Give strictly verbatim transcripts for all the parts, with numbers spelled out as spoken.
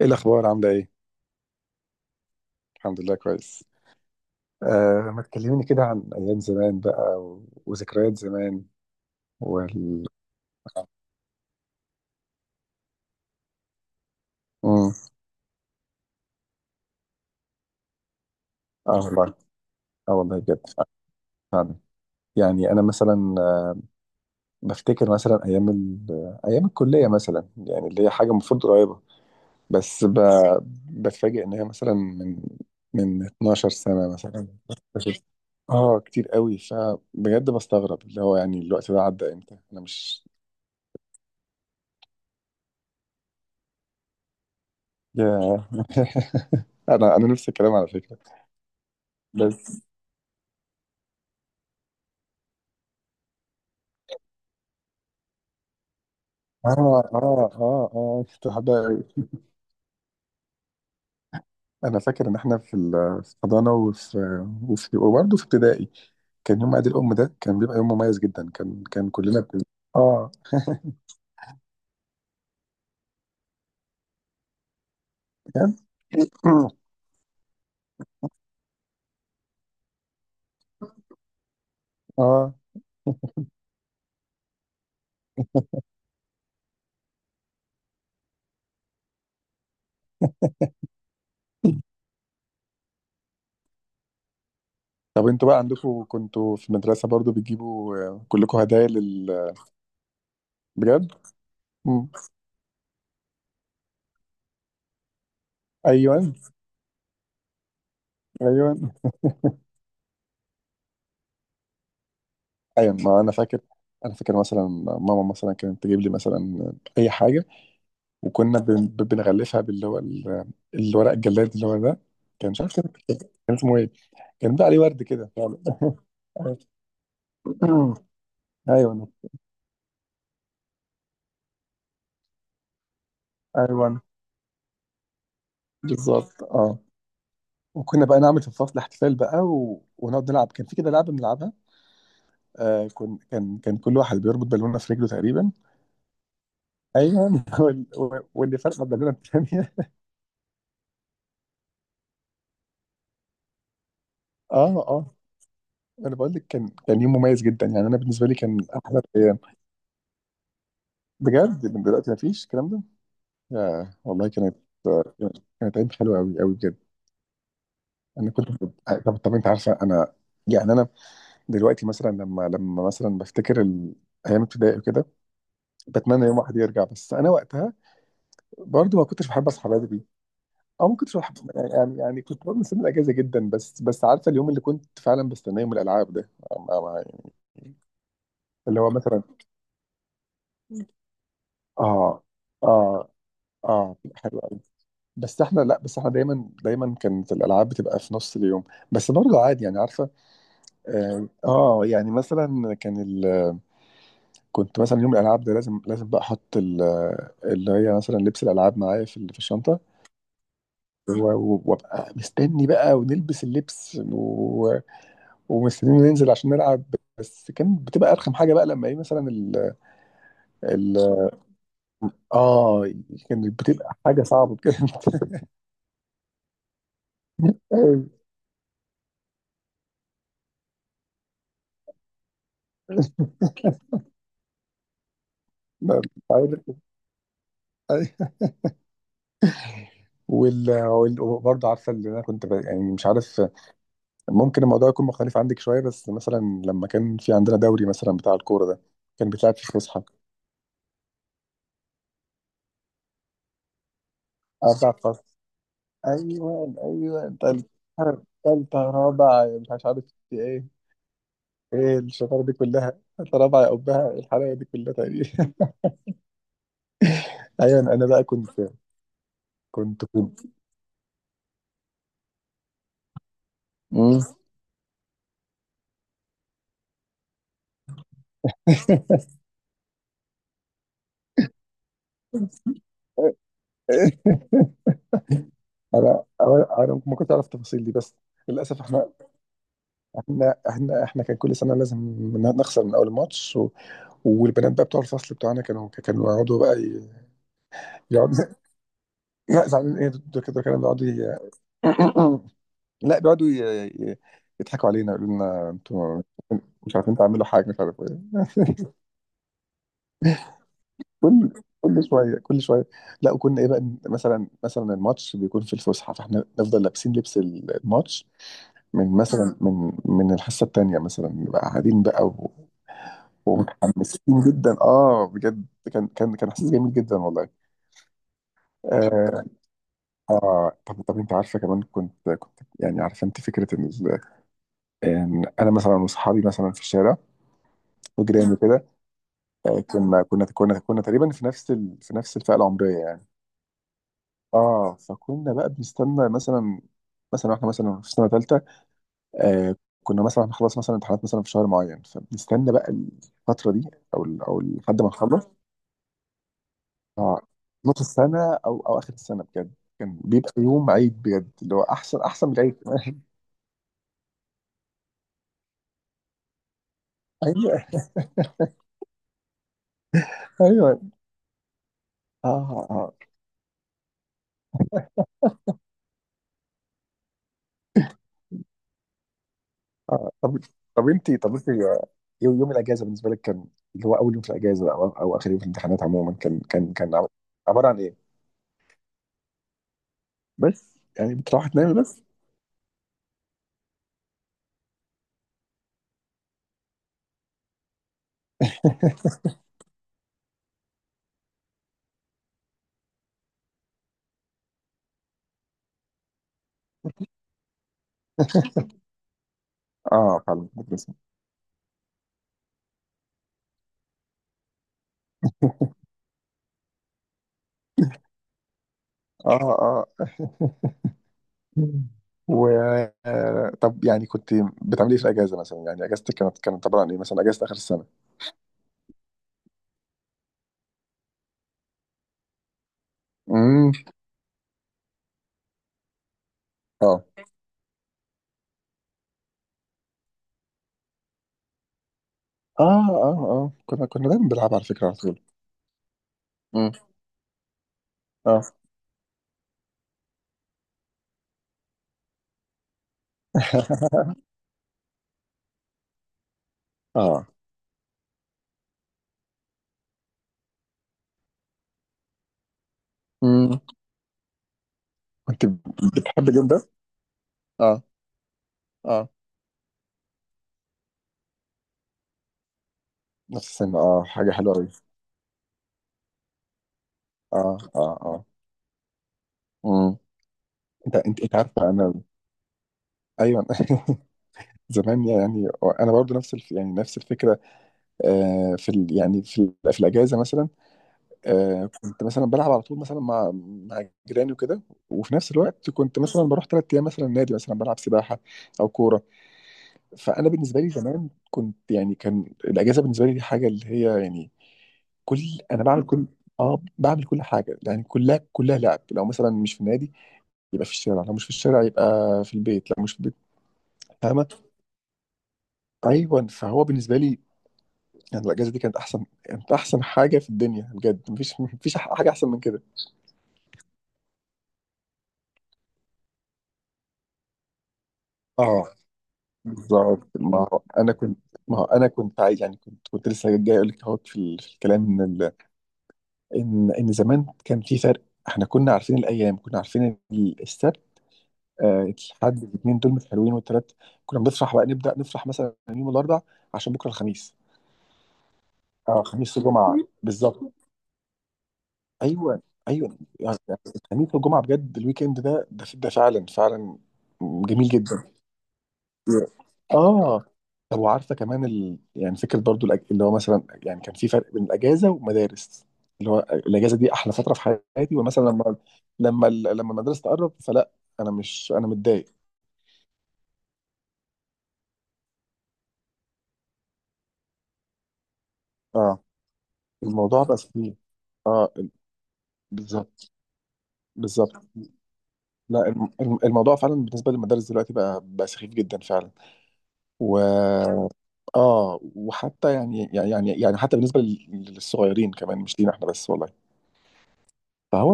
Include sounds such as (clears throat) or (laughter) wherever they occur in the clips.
ايه الاخبار عامله ايه؟ الحمد لله كويس. آه، ما تكلميني كده عن ايام زمان بقى و... وذكريات زمان. وال مم. اه والله. اه والله بجد. آه، فعلا. يعني انا مثلا آه بفتكر مثلا ايام ال... ايام الكليه مثلا، يعني اللي هي حاجه المفروض قريبه. بس ب... بتفاجئ ان هي مثلا من من اتناشر سنه مثلا. اه، كتير قوي، فبجد بستغرب، اللي هو يعني الوقت ده عدى امتى؟ انا مش... ياه. (laughs) انا انا نفس الكلام على فكره. بس، اه اه اه اه كنت بحبها قوي. انا فاكر ان احنا في ال- في الحضانه، وفي وفي وبرضه في ابتدائي. كان يوم عيد الام ده كان بيبقى يوم مميز جدا. كان كان كلنا بن... اه، كان... (coughs) (clears throat) اه، طب انتوا بقى عندكم، كنتوا في المدرسه برضه بتجيبوا آه، كلكم هدايا لل... بجد. مم. ايوه، ايوه، ايوه، ما انا فاكر. انا فاكر مثلا ماما مثلا كانت تجيب لي مثلا اي حاجه، وكنا بن- بنغلفها باللي هو ال- الورق الجلاد اللي هو ده. كان، مش عارف، كان كان اسمه ايه؟ كان بيبقى عليه ورد كده يعني. (laughs) ايوه، ايوه، بالظبط، اه. وكنا بقى نعمل في الفصل احتفال بقى و... ونقعد نلعب. كان في كده لعبه بنلعبها. آه كن... كان كان كل واحد بيربط بالونه في رجله تقريبا. ايوه. (laughs) وال... واللي فرقه بالونه الثانيه. (laughs) اه، اه، انا بقول لك كان كان يوم مميز جدا. يعني انا بالنسبه لي كان احلى ايام. بجد، من دلوقتي مفيش الكلام ده. يا والله كانت كانت عيد حلوه قوي قوي، بجد. انا كنت... طب، طب، انت عارفه انا. يعني انا دلوقتي مثلا، لما، لما مثلا بفتكر ال... ايام ابتدائي وكده. بتمنى يوم واحد يرجع، بس انا وقتها برضو ما كنتش بحب اصحى بدري. او ما كنتش بحب يعني، يعني كنت برضه مستني الاجازه جدا، بس، بس عارفه اليوم اللي كنت فعلا بستناه، يوم الالعاب ده. ما- ما- يعني، اللي هو مثلا، اه اه اه حلو قوي. بس احنا لا بس احنا دايما دايما كانت الالعاب بتبقى في نص اليوم. بس برضه عادي، يعني عارفه. اه آه، يعني مثلا كان ال... كنت مثلا يوم الالعاب ده لازم، لازم بقى احط ال... اللي هي مثلا لبس الالعاب معايا في ال- في الشنطه. و- و- وابقى مستني بقى ونلبس اللبس و... ومستنيين ننزل عشان نلعب. بس كان بتبقى ارخم حاجه بقى لما ايه مثلا ال... ال... اه كانت بتبقى حاجه صعبه بجد. (laughs) ما- مش عارف. أي. وال... وال... وبرضه عارفه اللي انا كنت ب... يعني مش عارف. ممكن الموضوع يكون مختلف عندك شوية، بس مثلا لما كان في عندنا دوري مثلا بتاع الكورة ده، كان بيتلعب في فسحة. أربع فصل. أيوة، أيوة. تالتة، تالتة، رابعة، مش عارف عارف إيه إيه الشطارة دي كلها؟ تالتة، رابعة يا أبها، الحلاوة دي كلها تقريبا. (laughs) أيوة، أنا بقى كنت كنت كنت أمم. (laughs) أنا أنا أنا ما كنتش أعرف التفاصيل دي، بس للأسف إحنا احنا احنا احنا كان كل سنه لازم ن- نخسر من اول ماتش و... والبنات بقى بتوع الفصل بتوعنا كانوا كانوا يقعدوا بقى ي- يقعدوا. (laughs) لا، زعلانين ايه دول كده، كانوا بيقعدوا ي... (clears throat) (coughs) لا، بيقعدوا ي... ي- يضحكوا علينا، يقولوا لنا انتوا مش عارفين تعملوا حاجه، مش عارف ايه. (laughs) كل كل شويه كل شويه. لا، وكنا ايه بقى، مثلا مثلا الماتش بيكون في الفسحه، فاحنا نفضل لابسين لبس الماتش. من مثلا، من من الحصه الثانيه مثلا نبقى قاعدين بقى، ومتحمسين جدا، اه بجد. كان كان كان احساس جميل جدا والله. آه, اه طب، طب، انت عارفه كمان، كنت كنت يعني عارفه انت فكره ان ال- ان انا مثلا واصحابي مثلا في الشارع وجيراني كده. آه كنا كنا كنا كنا تقريبا في نفس ال... في نفس الفئه العمريه يعني. اه، فكنا بقى بنستنى مثلا، مثلا احنا مثلا في سنه ثالثه. آه كنا مثلا هنخلص مثلا امتحانات مثلا في شهر معين، فبنستنى بقى الفتره دي، او ال- او لحد ما نخلص. اه، نص السنة أو أو آخر السنة، بجد كان بيبقى يوم عيد، بجد اللي هو أحسن، أحسن من العيد كمان. (laughs) أيوه، أيوه. آه آه آه طب طب أنت طب أنت، يوم يوم الأجازة بالنسبة لك كان، اللي هو أول يوم في الأجازة أو أو آخر يوم في الامتحانات عموما، كان كان كان عب- عبارة عن إيه؟ بس يعني بتروح تنام بس. (laughs) آه، فعلا بس. آه، آه. (laughs) و آه، طب يعني كنت بتعملي إيه في الأجازة مثلا؟ يعني أجازتك كانت، كانت عبارة عن إيه مثلا؟ أجازة آخر السنة. امم. اه اه اه اه كنا كنا دايما بنلعب على فكرة على طول. امم، اه. (laughs) اه. امم. كنت بتحب اليوم ده؟ اه، اه، نفس السن. اه، حاجة حلوة أوي. اه، اه، اه. امم. انت انت انت عارفة انا، ايوه. (laughs) زمان يعني، انا برضو نفس الف... يعني نفس الفكره. آه في ال... يعني في ال... في الاجازه مثلا. آه كنت مثلا بلعب على طول مثلا مع، مع جيراني وكده. وفي نفس الوقت كنت مثلا بروح ثلاث ايام مثلا نادي مثلا بلعب سباحه او كوره. فانا بالنسبه لي زمان كنت يعني، كان الاجازه بالنسبه لي دي حاجه اللي هي يعني كل انا بعمل كل اه بعمل كل حاجه، يعني كلها كلها لعب. لو مثلا مش في النادي، يبقى في الشارع، لو مش في الشارع يبقى في البيت، لو مش في البيت. فاهمه؟ ايوه، فهو بالنسبه لي يعني الاجازه دي كانت احسن كانت احسن حاجه في الدنيا، بجد مفيش مفيش حاجه احسن من كده. اه، بالظبط. ما هو انا كنت ما هو انا كنت عايز، يعني كنت كنت لسه جاي اقول لك اهوت في ال- في الكلام، ان ان ان زمان كان في فرق. احنا كنا عارفين الايام، كنا عارفين ال- السبت، آه، الحد، الاثنين دول مش حلوين، والثلاث. كنا بنفرح بقى، نبدا نفرح مثلا يوم الاربع عشان بكره الخميس. اه، خميس وجمعه. بالظبط. ايوه، ايوه، يعني الخميس والجمعه، بجد الويك اند ده، ده ده فعلا، فعلا جميل جدا. اه، طب وعارفه كمان ال... يعني فكره برضو الأج... اللي هو مثلا يعني كان في فرق بين الاجازه والمدارس، اللي هو الاجازه دي احلى فتره في حياتي. ومثلا لما لما ال- لما المدرسه تقرب فلا، انا مش انا متضايق. اه، الموضوع بقى فيه اه ال- بالظبط، بالظبط. لا، الم... الم- الموضوع فعلا بالنسبه للمدارس دلوقتي بقى، بقى سخيف جدا فعلا. و اه وحتى يعني، يعني يعني يعني حتى بالنسبه لل- للصغيرين كمان، مش لينا احنا بس والله. فهو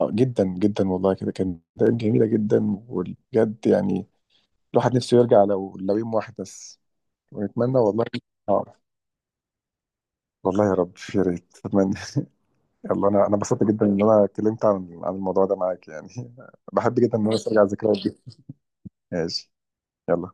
آه، جدا جدا والله كده كانت أيام جميلة جدا. وبجد يعني الواحد نفسه يرجع، لو، لو يوم واحد بس. ونتمنى والله، اه والله يا رب، يا ريت اتمنى. (laughs) يلا، انا انا انبسطت جدا ان انا اتكلمت عن عن الموضوع ده معاك يعني. (laughs) بحب جدا ان انا استرجع الذكريات دي. ماشي. يلا.